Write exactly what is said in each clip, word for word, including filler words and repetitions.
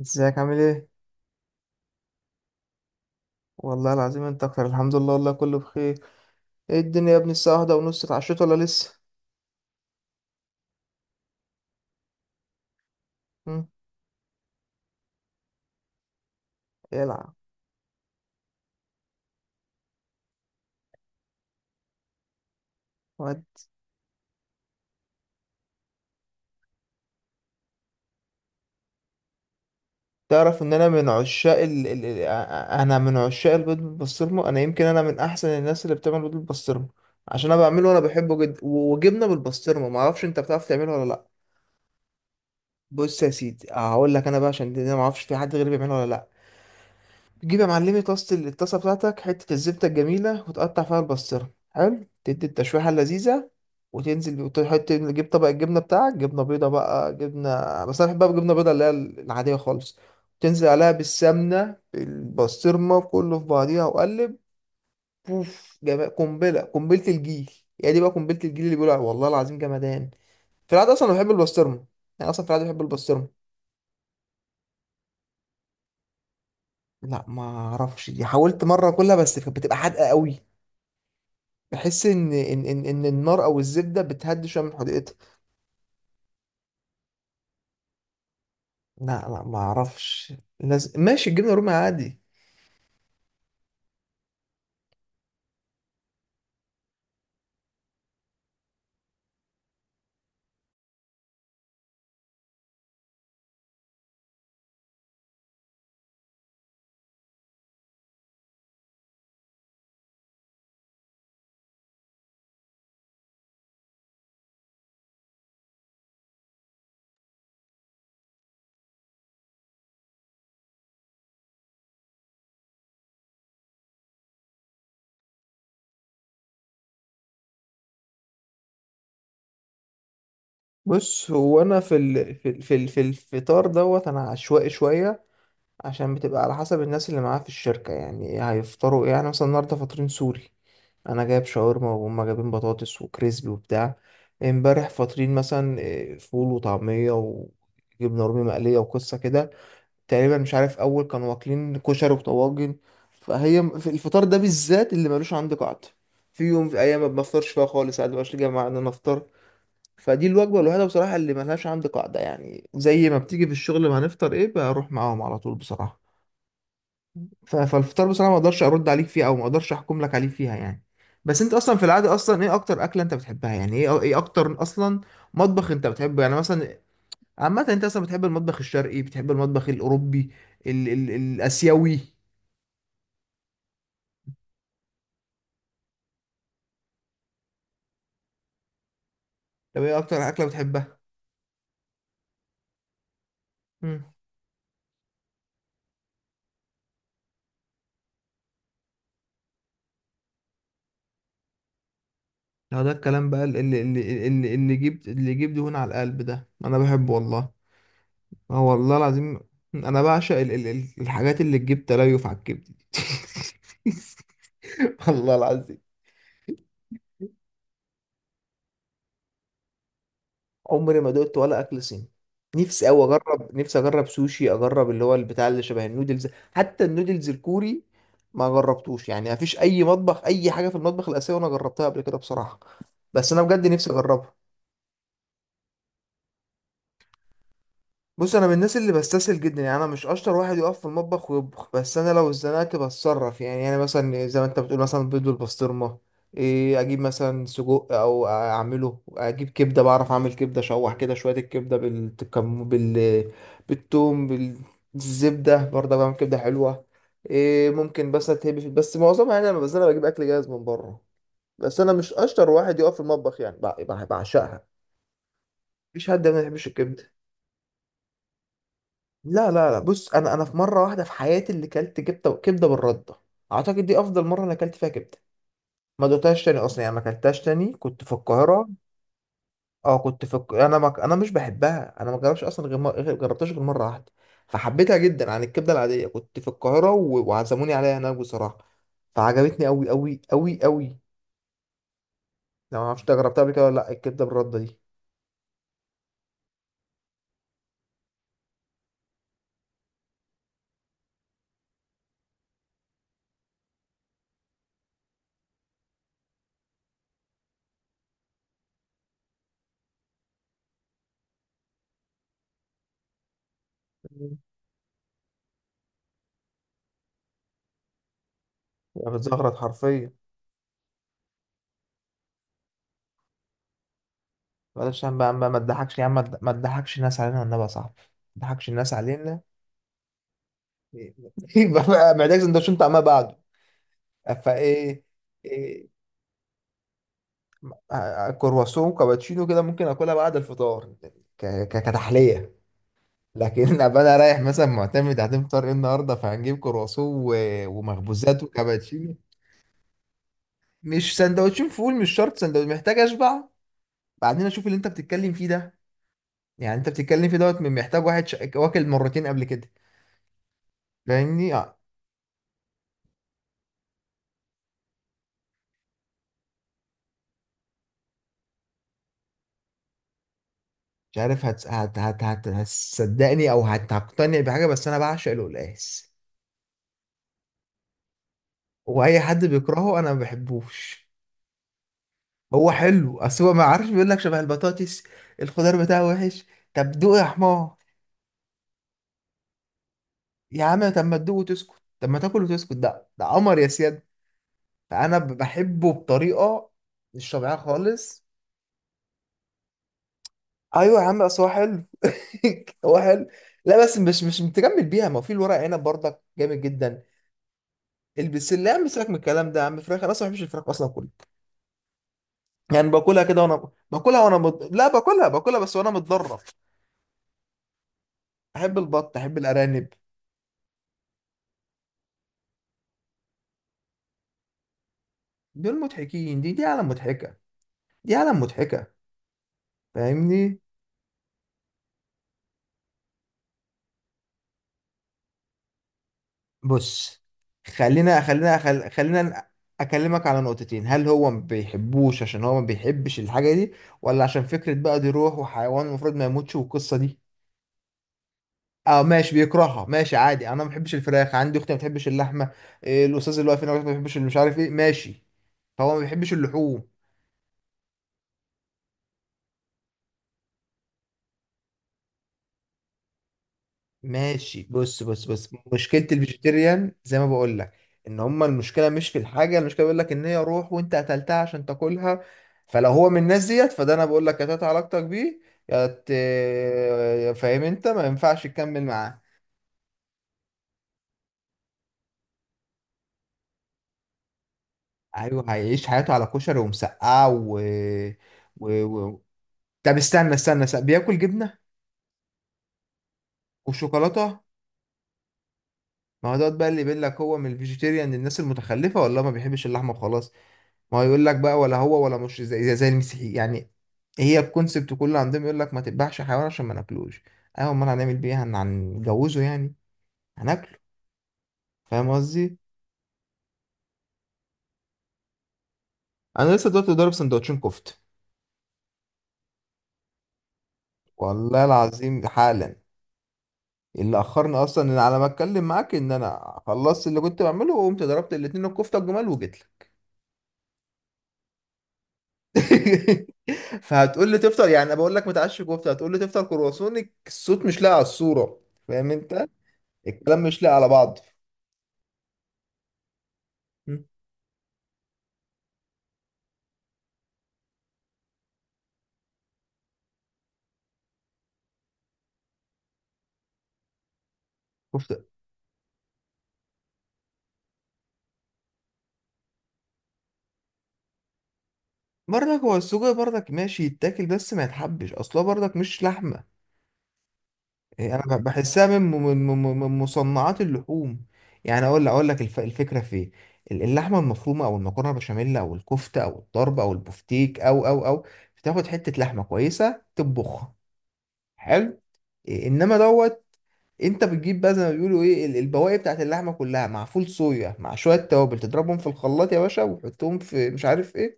ازيك عامل ايه؟ والله العظيم انت اكتر. الحمد لله والله كله بخير. ايه الدنيا يا ابني الساعة واحدة ونص، اتعشيت ولا لسه؟ مم، العب ود. تعرف ان انا من عشاق ال... ال... ال... انا من عشاق البيض بالبسطرمة. انا يمكن انا من احسن الناس اللي بتعمل بيض بالبسطرمة، عشان انا بعمله وانا بحبه جدا. و- وجبنة بالبسطرمة، معرفش انت بتعرف تعمله ولا لا. بص يا سيدي هقول لك انا بقى، عشان دي ما اعرفش في حد غيري بيعمله ولا لا. تجيب يا معلمي طاسة ال- الطاسة بتاعتك، حتة الزبدة الجميلة وتقطع فيها البصرة حلو، تدي التشويحة اللذيذة وتنزل وتحط، تجيب طبق الجبنة بتاعك، جبنة بيضة بقى، جبنة، بس أنا بحب بقى جبنة بيضة اللي هي ال- العادية خالص. تنزل عليها بالسمنة بالبسطرمة، كله في بعضيها وقلب. بوف، جمال، قنبلة، قنبلة الجيل. هي دي بقى قنبلة الجيل اللي بيقولوا عليها، والله العظيم جمدان. في العادة أصلا أنا بحب البسطرمة. يعني أصلا في العادة بحب البسطرمة. لا ما أعرفش، دي حاولت مرة كلها بس كانت بتبقى حادقة قوي. بحس ان ان ان ان النار او الزبده بتهدي شويه من حديقتها. لا لا ما اعرفش. لازم ماشي، الجبنه الرومي عادي. بص، هو انا في ال... في ال... في ال... في الفطار دوت انا عشوائي شويه، عشان بتبقى على حسب الناس اللي معايا في الشركه، يعني هيفطروا ايه. يعني مثلا النهارده فاطرين، سوري، انا جايب شاورما وهم جايبين بطاطس وكريسبي وبتاع. امبارح فاطرين مثلا إيه، فول وطعميه وجبنه رومي مقليه وقصه كده. تقريبا مش عارف اول كانوا واكلين كشري وطواجن. فهي م- في الفطار ده بالذات اللي ملوش عندي قاعدة. في يوم، في ايام ما بنفطرش فيها خالص، عادي مبقاش لي جماعه ان انا افطر. فدي الوجبه الوحيده بصراحه اللي ملهاش عندي قاعده، يعني زي ما بتيجي في الشغل، ما هنفطر ايه بروح معاهم على طول بصراحه. ف- فالفطار بصراحه ما اقدرش ارد عليك فيه، او ما اقدرش احكم لك عليه فيها يعني. بس انت اصلا في العاده، اصلا ايه اكتر اكله انت بتحبها؟ يعني ايه ايه اكتر اصلا مطبخ انت بتحبه؟ يعني مثلا عامة انت اصلا بتحب المطبخ الشرقي، بتحب المطبخ الاوروبي، ال ال الاسيوي؟ طب ايه اكتر اكلة بتحبها؟ امم. لا ده الكلام بقى اللي اللي اللي, اللي جبت اللي جيب دهون على القلب ده، انا بحبه والله. اه والله العظيم. انا بعشق ال ال ال- الحاجات اللي تجيب تليف على الكبد دي. والله العظيم. عمري ما دقت ولا اكل صيني. نفسي قوي اجرب، نفسي اجرب سوشي، اجرب اللي هو البتاع اللي شبه النودلز. حتى النودلز الكوري ما جربتوش. يعني ما فيش اي مطبخ، اي حاجه في المطبخ الاسيوي انا جربتها قبل كده بصراحه. بس انا بجد نفسي اجربها. بص انا من الناس اللي بستسهل جدا، يعني انا مش اشطر واحد يقف في المطبخ ويطبخ، بس انا لو اتزنقت بتصرف. يعني يعني مثلا زي ما انت بتقول مثلا بيض والبسطرمه، إيه اجيب مثلا سجق او اعمله، اجيب كبده، بعرف اعمل كبده، اشوح كده شويه الكبده بالكم، بال بالثوم، بالزبده، برضه بعمل كبده حلوه. إيه، ممكن بس اتهبي في، بس معظمها يعني انا، بس انا بجيب اكل جاهز من بره. بس انا مش اشطر واحد يقف في المطبخ، يعني بع- بع- بعشقها. مفيش حد ما يحبش الكبده. لا لا لا بص، انا انا في مره واحده في حياتي اللي كلت كبده، كبده بالرده. اعتقد دي افضل مره انا كلت فيها كبده. ما دوتهاش تاني اصلا، يعني ما كلتهاش تاني، كنت في القاهره. اه كنت في الق... انا ما... انا مش بحبها، انا ما جربتش اصلا غير م... غير- جربتهاش غير مره واحده، فحبيتها جدا عن الكبده العاديه. كنت في القاهره و... وعزموني عليها هناك بصراحه، فعجبتني قوي قوي قوي قوي. لو ما اعرفش إنت جربتها قبل كده ولا لا الكبده بالرده دي. مم. يعني بتزغرط حرفيا. معلش يا عم بقى، ما ما تضحكش يا عم، ما تضحكش الناس علينا والنبي يا صاحبي، ما تضحكش الناس علينا. يبقى بقى محتاج سندوتشين طعمها بعده. فايه. إيه. آه، كرواسون وكابتشينو كده ممكن اكلها بعد الفطار ك- ك- كتحليه. لكن ابقى انا رايح مثلا معتمد، هتفطر فطار ايه النهارده؟ فهنجيب كرواسون و- ومخبوزات وكابتشينو. مش سندوتشين فول، مش شرط سندوتش، محتاج اشبع، بعدين اشوف اللي انت بتتكلم فيه ده. يعني انت بتتكلم فيه دوت، من- محتاج واحد ش... واكل مرتين قبل كده. فاهمني آه. مش عارف هت... هت... هت... هت... هتصدقني او هت- هتقتنع بحاجه، بس انا بعشق القلقاس. واي حد بيكرهه انا ما بحبوش. هو حلو، اصل هو ما عارفش بيقول لك شبه البطاطس، الخضار بتاعه وحش. طب دوق يا حمار. يا عم طب ما تدوق وتسكت، طب ما تاكل وتسكت، ده ده قمر يا سياد. فانا ب- بحبه بطريقه مش طبيعيه خالص. ايوه يا عم، اصل هو حلو. هو حلو. لا بس مش مش متجمل بيها، ما هو في الورق عنب برضك جامد جدا. البسله يا عم سيبك من الكلام ده يا عم، فراخ انا اصلا ما بحبش الفراخ اصلا كله، يعني باكلها كده وانا باكلها وانا مد... لا باكلها، باكلها بس وانا متضرر. احب البط، احب الارانب. دول مضحكين، دي دي عالم مضحكه، دي عالم مضحكه. فاهمني. بص خلينا خلينا خل... خلينا ن- اكلمك على نقطتين، هل هو ما بيحبوش عشان هو ما بيحبش الحاجه دي، ولا عشان فكره بقى دي روح وحيوان المفروض ما يموتش والقصه دي. اه ماشي بيكرهها ماشي عادي، انا ما بحبش الفراخ، عندي اختي ما بتحبش اللحمه. إيه، الاستاذ اللي واقف هنا ما بيحبش اللي مش عارف ايه، ماشي، فهو ما بيحبش اللحوم. ماشي بص بص بص، مشكلة الفيجيتيريان زي ما بقول لك، ان هما المشكلة مش في الحاجة، المشكلة بيقول لك ان هي روح وانت قتلتها عشان تاكلها. فلو هو من الناس ديت، فده انا بقول لك قطعت علاقتك بيه، يا ت- يا فاهم، انت ما ينفعش تكمل معاه. ايوه، هيعيش حياته على كشري ومسقعة و... و... و... طب استنى استنى, استنى. بياكل جبنة وشوكولاتة؟ ما هو دوت بقى اللي بيقول لك، هو من الفيجيتيريان للناس المتخلفة ولا ما بيحبش اللحمة وخلاص. ما هو يقول لك بقى، ولا هو ولا مش زي زي, زي المسيحي يعني، هي الكونسبت كله عندهم يقول لك ما تذبحش حيوان عشان ما ناكلوش. ايوه، امال هنعمل بيه إيه؟ هن- هنجوزه يعني؟ هناكله. فاهم قصدي. انا لسه دلوقتي ضارب سندوتشين كفته، والله العظيم حالا. اللي اخرني اصلا ان على ما اتكلم معاك، ان انا خلصت اللي كنت بعمله وقمت ضربت الاتنين الكفته الجمال وجيت لك. فهتقول لي تفطر، يعني انا بقول لك ما تعش كفته هتقول لي تفطر كرواسونك، الصوت مش لاقي على الصوره. فاهم انت، الكلام مش لاقي على بعض. م. كفته. برضك هو السجق برضك ماشي يتاكل، بس ما يتحبش اصلا برضك مش لحمه. إيه، انا ب- بحسها من من من من مصنعات اللحوم. يعني اقول اقول لك الف- الفكره في إيه؟ ال- اللحمه المفرومه، او المكرونه بشاميل، او الكفته، او الطرب، او البفتيك، او او او بتاخد حته لحمه كويسه تطبخها. حلو. إيه، انما دوت انت بتجيب بقى زي ما بيقولوا ايه ال- البواقي بتاعت اللحمه كلها مع فول صويا، مع شويه توابل، تضربهم في الخلاط يا باشا وتحطهم في مش عارف ايه.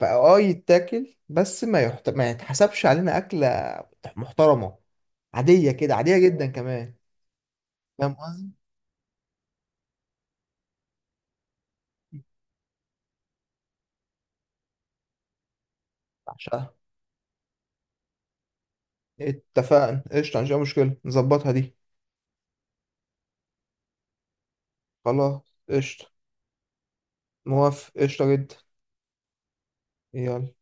فاه يتاكل، بس ما يحت... ما يتحسبش علينا اكله محترمه، عاديه كده، عاديه جدا كمان. فاهم قصدي. بعشقها. اتفقنا قشطه، مفيش أي مشكله نظبطها دي. خلاص، قشطه. موافق قشطه جدا. يلا.